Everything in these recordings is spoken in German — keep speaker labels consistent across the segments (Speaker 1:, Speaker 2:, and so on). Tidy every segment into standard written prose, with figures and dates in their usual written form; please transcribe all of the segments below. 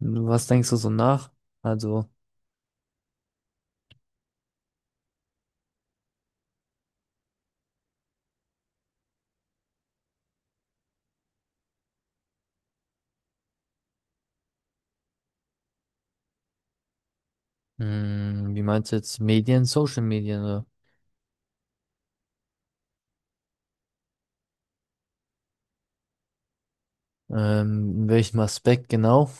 Speaker 1: Was denkst du so nach? Also, mh, wie meinst du jetzt Medien, Social Medien oder? In welchem Aspekt genau?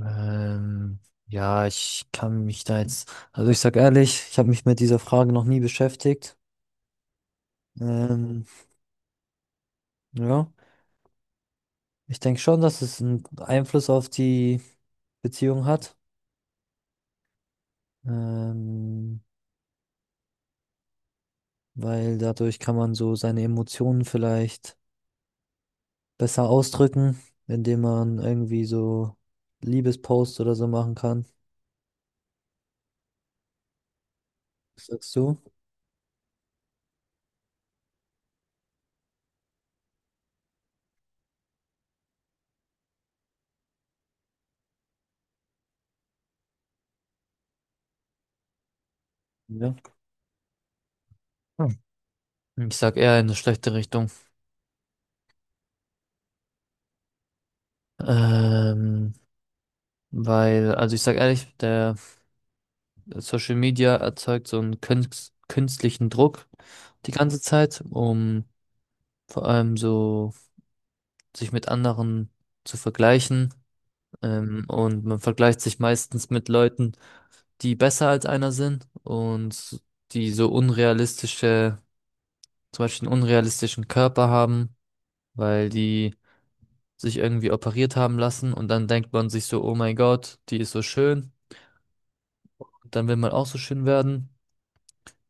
Speaker 1: Ähm, ja, ich kann mich da jetzt, also ich sag ehrlich, ich habe mich mit dieser Frage noch nie beschäftigt. Ähm, ja, ich denke schon, dass es einen Einfluss auf die Beziehung hat, ähm, weil dadurch kann man so seine Emotionen vielleicht besser ausdrücken, indem man irgendwie so Liebesposts oder so machen kann. Was sagst du? Ja. Hm. Ich sag eher in eine schlechte Richtung. Ähm, Weil, also ich sag ehrlich, der Social Media erzeugt so einen künstlichen Druck die ganze Zeit, um vor allem so sich mit anderen zu vergleichen. Und man vergleicht sich meistens mit Leuten, die besser als einer sind und die so unrealistische, zum Beispiel einen unrealistischen Körper haben, weil die sich irgendwie operiert haben lassen und dann denkt man sich so, oh mein Gott, die ist so schön, dann will man auch so schön werden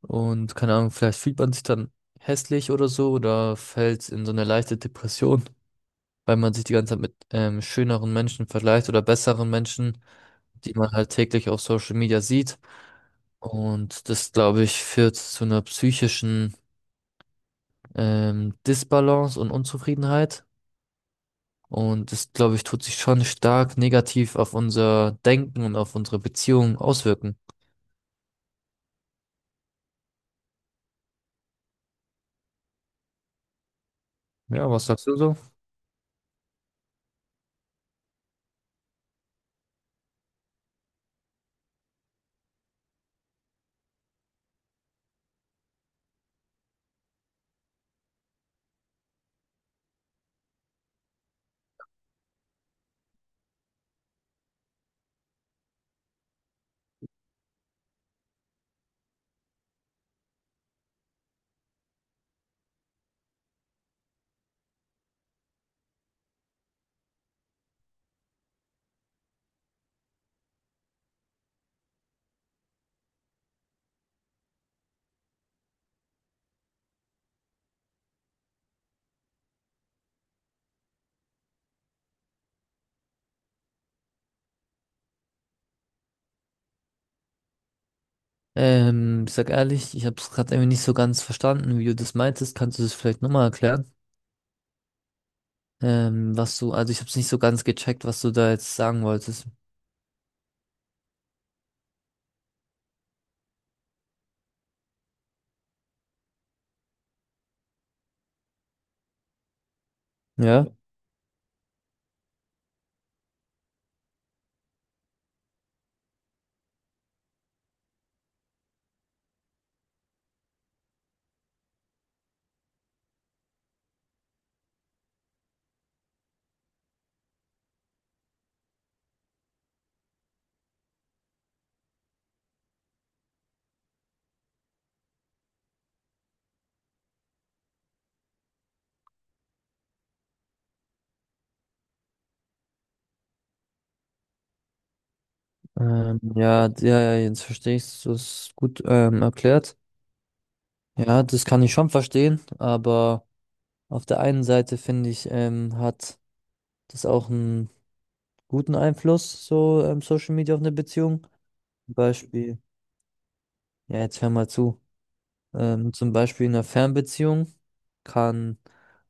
Speaker 1: und keine Ahnung, vielleicht fühlt man sich dann hässlich oder so oder fällt in so eine leichte Depression, weil man sich die ganze Zeit mit schöneren Menschen vergleicht oder besseren Menschen, die man halt täglich auf Social Media sieht. Und das, glaube ich, führt zu einer psychischen Disbalance und Unzufriedenheit. Und das, glaube ich, tut sich schon stark negativ auf unser Denken und auf unsere Beziehung auswirken. Ja, was sagst du so? Ich sag ehrlich, ich habe es gerade irgendwie nicht so ganz verstanden, wie du das meintest. Kannst du das vielleicht nochmal erklären? Was du, also ich habe es nicht so ganz gecheckt, was du da jetzt sagen wolltest. Ja, ja, jetzt verstehe ich du es gut, erklärt. Ja, das kann ich schon verstehen, aber auf der einen Seite finde ich, hat das auch einen guten Einfluss, so, Social Media auf eine Beziehung. Zum Beispiel, ja, jetzt hör mal zu. Zum Beispiel in einer Fernbeziehung kann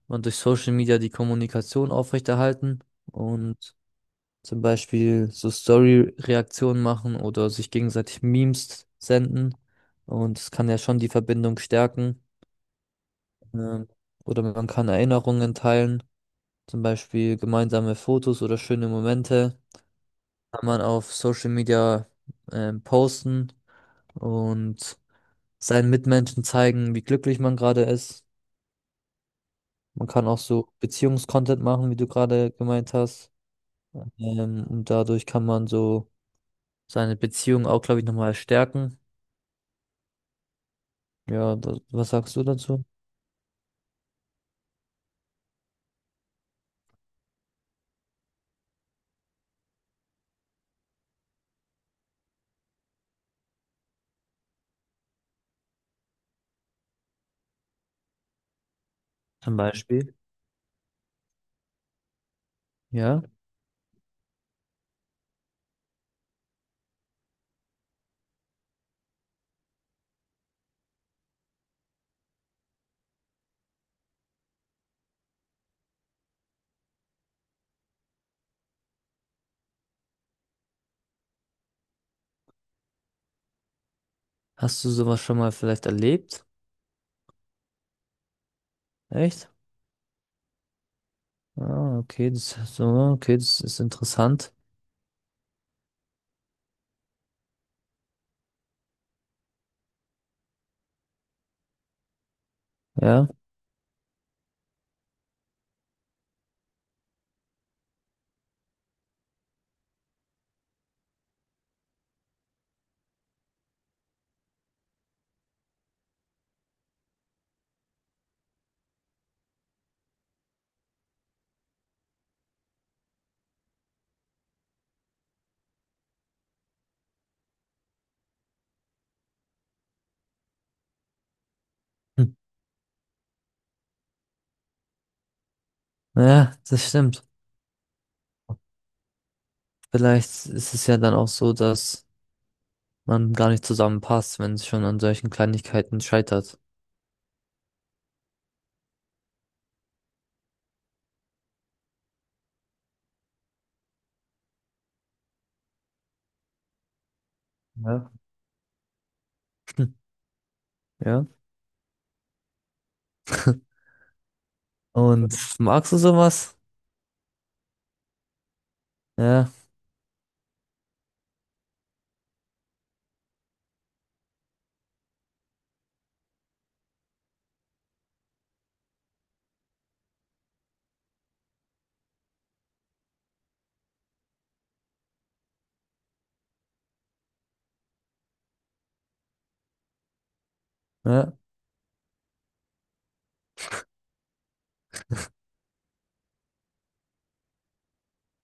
Speaker 1: man durch Social Media die Kommunikation aufrechterhalten und zum Beispiel so Story-Reaktionen machen oder sich gegenseitig Memes senden. Und es kann ja schon die Verbindung stärken. Ähm, oder man kann Erinnerungen teilen, zum Beispiel gemeinsame Fotos oder schöne Momente. Kann man auf Social Media posten und seinen Mitmenschen zeigen, wie glücklich man gerade ist. Man kann auch so Beziehungscontent machen, wie du gerade gemeint hast. Und dadurch kann man so seine Beziehung auch, glaube ich, nochmal stärken. Ja, was sagst du dazu? Zum Beispiel. Ja. Hast du sowas schon mal vielleicht erlebt? Echt? Ah, okay, das so, okay, das ist interessant. Ja. Hm. Ja, das stimmt. Vielleicht ist es ja dann auch so, dass man gar nicht zusammenpasst, wenn es schon an solchen Kleinigkeiten scheitert. Ja, ja. Und magst du sowas? Ja, ja,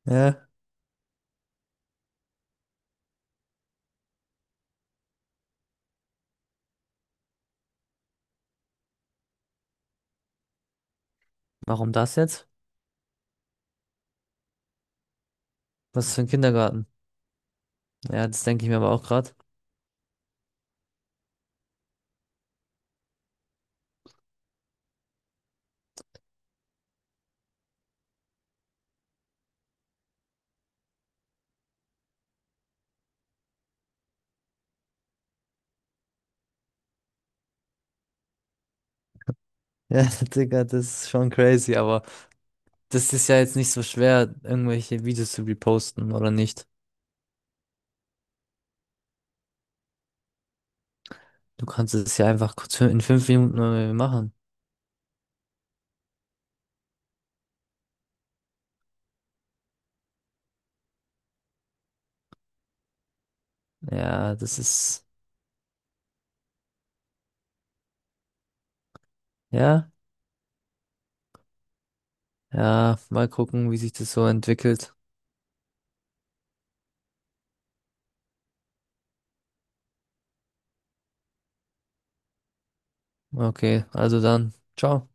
Speaker 1: ja. Warum das jetzt? Was ist für ein Kindergarten? Ja, das denke ich mir aber auch gerade. Ja, Digga, das ist schon crazy, aber das ist ja jetzt nicht so schwer, irgendwelche Videos zu reposten oder nicht. Du kannst es ja einfach kurz in 5 Minuten mal machen. Ja, das ist, ja, ja, mal gucken, wie sich das so entwickelt. Okay, also dann, ciao.